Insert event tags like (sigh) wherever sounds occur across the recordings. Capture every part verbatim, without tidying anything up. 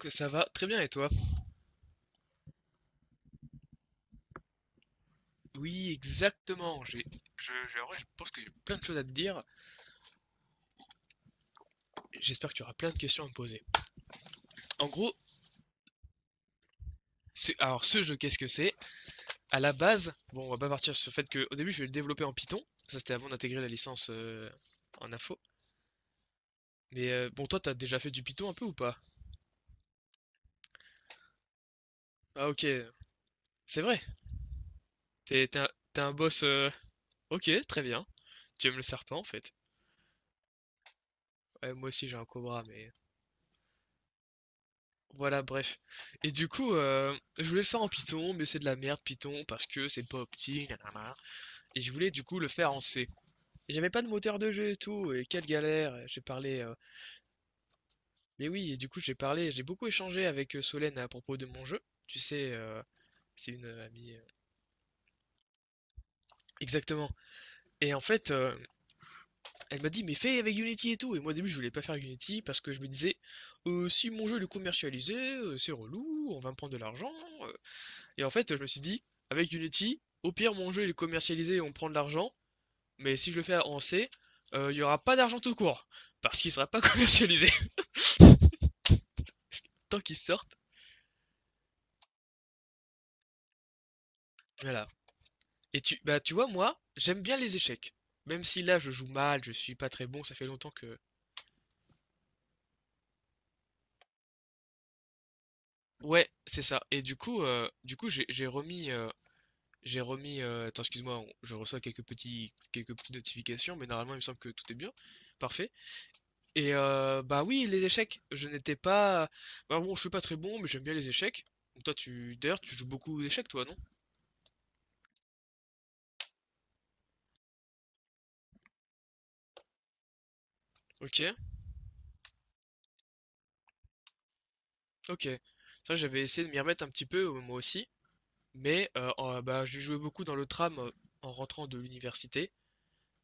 Que ça va très bien et toi? Oui, exactement. J'ai, je, je, en vrai, je pense que j'ai plein de choses à te dire. J'espère que tu auras plein de questions à me poser. En gros, c'est, alors ce jeu, qu'est-ce que c'est? À la base, bon, on va pas partir sur le fait que au début, je vais le développer en Python. Ça, c'était avant d'intégrer la licence euh, en info. Mais euh, bon, toi, t'as déjà fait du Python un peu ou pas? Ah, ok, c'est vrai. T'es, t'es un, t'es un boss. euh, Ok, très bien. Tu aimes le serpent en fait. Ouais, moi aussi, j'ai un cobra, mais. Voilà, bref. Et du coup, euh, je voulais le faire en Python, mais c'est de la merde Python parce que c'est pas opti, nanana. Et je voulais du coup le faire en C. Et j'avais pas de moteur de jeu et tout, et quelle galère. J'ai parlé, euh, mais oui, et du coup j'ai parlé, j'ai beaucoup échangé avec euh, Solène à propos de mon jeu. Tu sais, euh, c'est une euh, amie. euh, Exactement. Et en fait, euh, elle m'a dit, mais fais avec Unity et tout. Et moi au début je voulais pas faire Unity parce que je me disais, Euh, si mon jeu il est commercialisé, euh, c'est relou, on va me prendre de l'argent. euh, Et en fait, je me suis dit, avec Unity, au pire, mon jeu il est commercialisé et on prend de l'argent, mais si je le fais en C, euh, il n'y aura pas d'argent tout court, parce qu'il ne sera pas commercialisé (laughs) tant qu'il sorte. Voilà. Et tu, bah, tu vois, moi, j'aime bien les échecs. Même si là, je joue mal, je suis pas très bon, ça fait longtemps que. Ouais, c'est ça. Et du coup, euh, du coup, j'ai j'ai remis, euh, j'ai remis. Euh, attends, excuse-moi, on- je reçois quelques petits, quelques petites notifications, mais normalement, il me semble que tout est bien, parfait. Et euh, bah oui, les échecs. Je n'étais pas. Bah bon, je suis pas très bon, mais j'aime bien les échecs. Donc toi, tu d'ailleurs, tu joues beaucoup aux échecs, toi, non? Ok, ok. Ça, j'avais essayé de m'y remettre un petit peu, euh, moi aussi. Mais euh, en- bah, je jouais beaucoup dans le tram euh, en rentrant de l'université.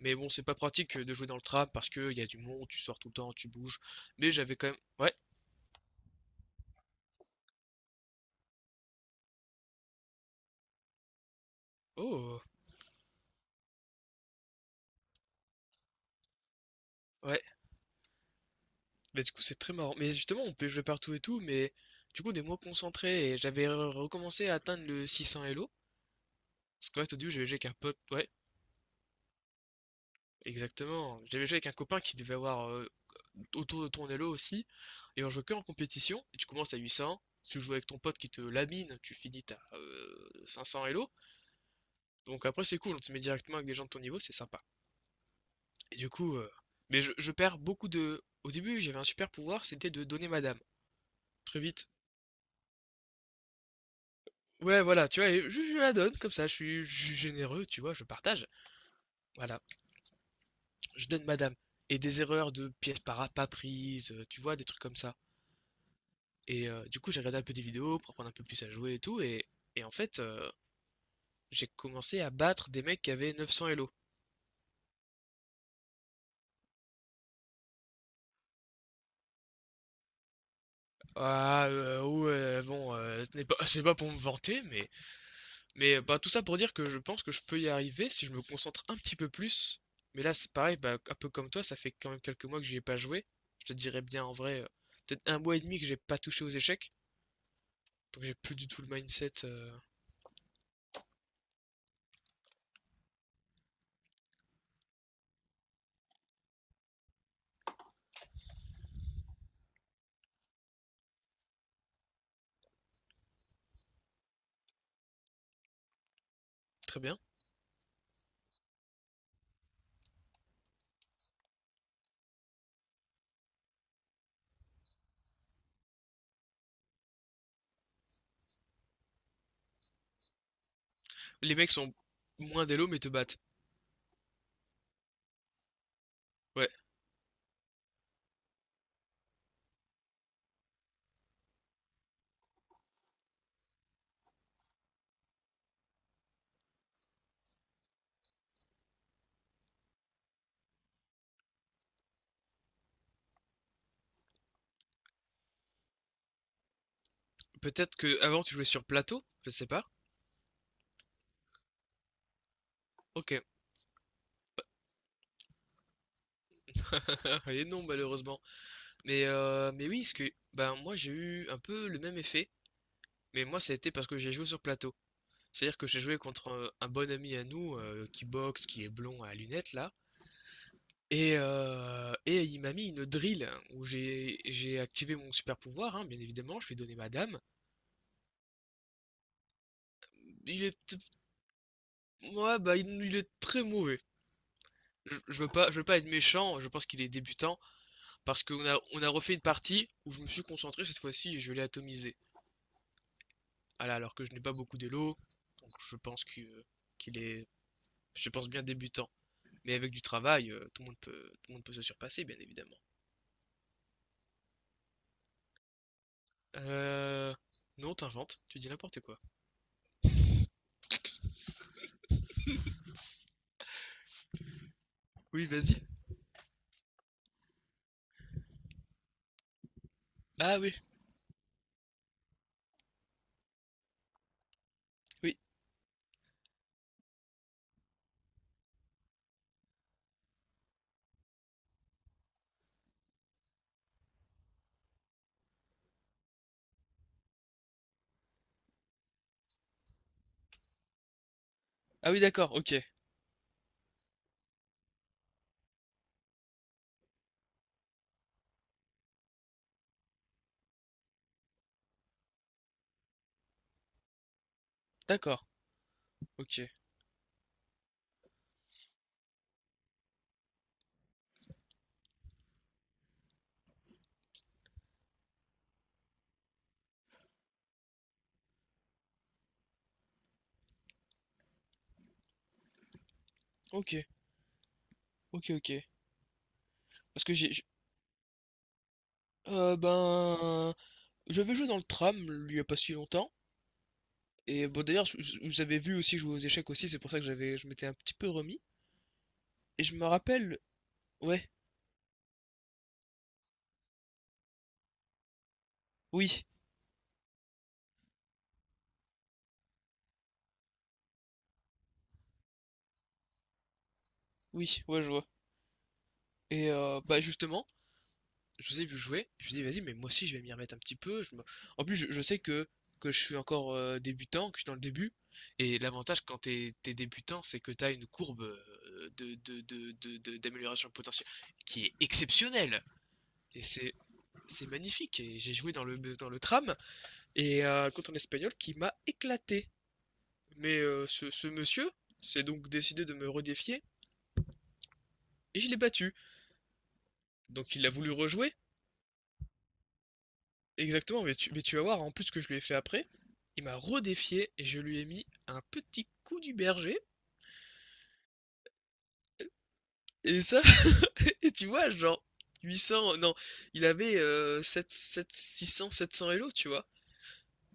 Mais bon, c'est pas pratique euh, de jouer dans le tram parce que y a du monde, tu sors tout le temps, tu bouges. Mais j'avais quand même. Ouais. Oh. Ouais. Mais du coup, c'est très marrant. Mais justement, on peut jouer partout et tout, mais du coup, on est moins concentré. Et j'avais re- recommencé à atteindre le six cents Elo. Parce que Squat audio, j'avais joué avec un pote, ouais, exactement. J'avais joué avec un copain qui devait avoir euh, autour de ton elo aussi, et on jouait que en compétition, et tu commences à huit cents, tu joues avec ton pote qui te lamine, tu finis à cinq cents elo, donc après c'est cool, on te met directement avec des gens de ton niveau, c'est sympa. Et du coup, euh, mais je, je perds beaucoup de... Au début, j'avais un super pouvoir, c'était de donner ma dame, très vite. Ouais, voilà, tu vois, et je, je la donne comme ça, je suis, je suis généreux, tu vois, je partage. Voilà, je donne ma dame. Et des erreurs de pièces pas, pas prises, euh, tu vois, des trucs comme ça. Et euh, du coup, j'ai regardé un peu des vidéos pour apprendre un peu plus à jouer et tout. Et, et en fait, euh, j'ai commencé à battre des mecs qui avaient neuf cents Elo. Ah, euh, ouais, bon, euh, ce n'est pas, c'est pas pour me vanter, mais, mais bah, tout ça pour dire que je pense que je peux y arriver si je me concentre un petit peu plus. Mais là, c'est pareil, bah, un peu comme toi, ça fait quand même quelques mois que j'y ai pas joué. Je te dirais bien en vrai, euh, peut-être un mois et demi que j'ai pas touché aux échecs. Donc j'ai plus du tout le mindset. Euh, très bien. Les mecs sont moins d'élo mais te battent. Ouais, peut-être que avant tu jouais sur plateau, je sais pas. Ok. (laughs) Et non, malheureusement. Mais, euh, mais oui, parce que ben, moi j'ai eu un peu le même effet, mais moi ça a été parce que j'ai joué sur plateau. C'est-à-dire que j'ai joué contre euh, un bon ami à nous euh, qui boxe, qui est blond à lunettes là, et, euh, et il m'a mis une drill hein, où j'ai j'ai activé mon super pouvoir, hein, bien évidemment, je lui ai donné ma dame. Il est, t- ouais, bah, il, il est très mauvais. Je, je veux pas, je veux pas être méchant, je pense qu'il est débutant, parce qu'on a, on a refait une partie où je me suis concentré cette fois-ci et je l'ai atomisé. Voilà, alors que je n'ai pas beaucoup d'élo, donc je pense qu'il est, je pense bien débutant. Mais avec du travail, euh, tout le monde peut, tout le monde peut se surpasser, bien évidemment. Euh... Non, t'inventes, tu dis n'importe quoi. Oui, vas-y. Ah oui, oui. Ah oui, d'accord, ok. D'accord, ok. Ok, ok, ok. Parce que j'ai... j'-. Euh, ben... J'avais joué dans le tram, il y a pas si longtemps. Et bon, d'ailleurs, je- je- vous avez vu aussi jouer aux échecs aussi, c'est pour ça que j'avais, je m'étais un petit peu remis. Et je me rappelle... Ouais, oui, oui, ouais, je vois. Et euh, bah justement, je vous ai vu jouer, je me suis vas-y, mais moi aussi je vais m'y remettre un petit peu. je me- En plus, je, je sais que, que je suis encore euh, débutant, que je suis dans le début. Et l'avantage quand t'es, t'es débutant, c'est que t'as une courbe euh, de, de- de- de- de- d'amélioration potentielle qui est exceptionnelle. Et c'est, c'est magnifique. Et j'ai joué dans le, dans le tram et euh, contre un espagnol qui m'a éclaté. Mais euh, ce, ce monsieur s'est donc décidé de me redéfier et je l'ai battu. Donc il a voulu rejouer. Exactement, mais tu, mais tu vas voir, en plus que je lui ai fait après, il m'a redéfié et je lui ai mis un petit coup du berger. Et ça, (laughs) et tu vois, genre huit cents, non, il avait euh, sept, sept, six cents, sept cents Elo, tu vois.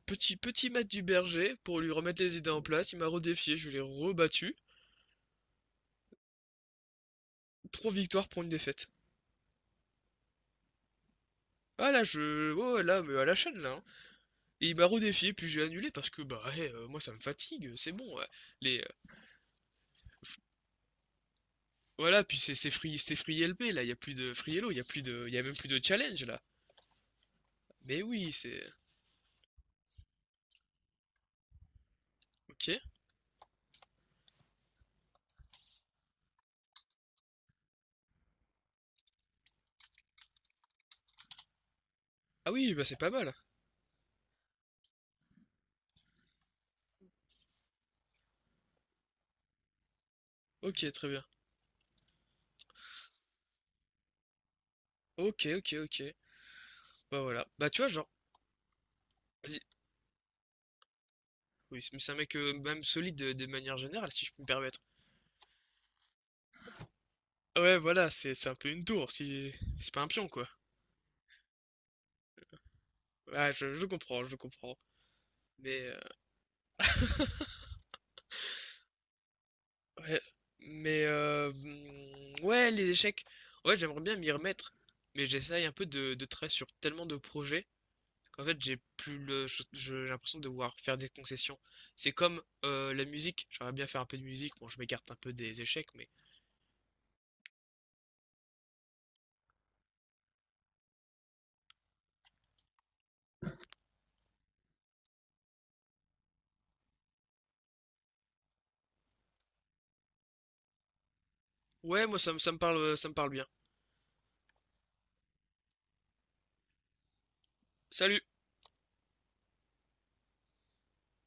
Petit, petit mat du berger pour lui remettre les idées en place. Il m'a redéfié, je l'ai rebattu. Trois victoires pour une défaite. Ah là, je. Oh là, mais à la chaîne là, hein. Et il m'a redéfié, puis j'ai annulé parce que bah, ouais, euh, moi ça me fatigue, c'est bon. Ouais. Les, euh, Voilà, puis c'est c'est free, c'est free, L B là, il y a plus de free hello, il y a plus de, il y a même plus de challenge là. Mais oui, c'est ok. Ah oui, bah c'est pas mal. Ok, très bien. Ok, ok, ok. Bah voilà. Bah tu vois, genre, vas-y. Oui, c'est- mais c'est un mec euh, même solide de, de manière générale, si je peux me permettre. Ah ouais, voilà, c'est c'est un peu une tour, si c'est pas un pion quoi. Ouais, je, je comprends, je comprends. Mais euh, ouais, mais euh, hmm, ouais, les échecs. Ouais, j'aimerais bien m'y remettre, mais j'essaye un peu de, de travailler sur tellement de projets. Qu'en fait j'ai plus le je- je- j'ai l'impression de devoir faire des concessions. C'est comme euh, la musique, j'aimerais bien faire un peu de musique, bon je m'écarte un peu des échecs, mais ouais, moi ça me ça me parle ça me parle bien. Salut.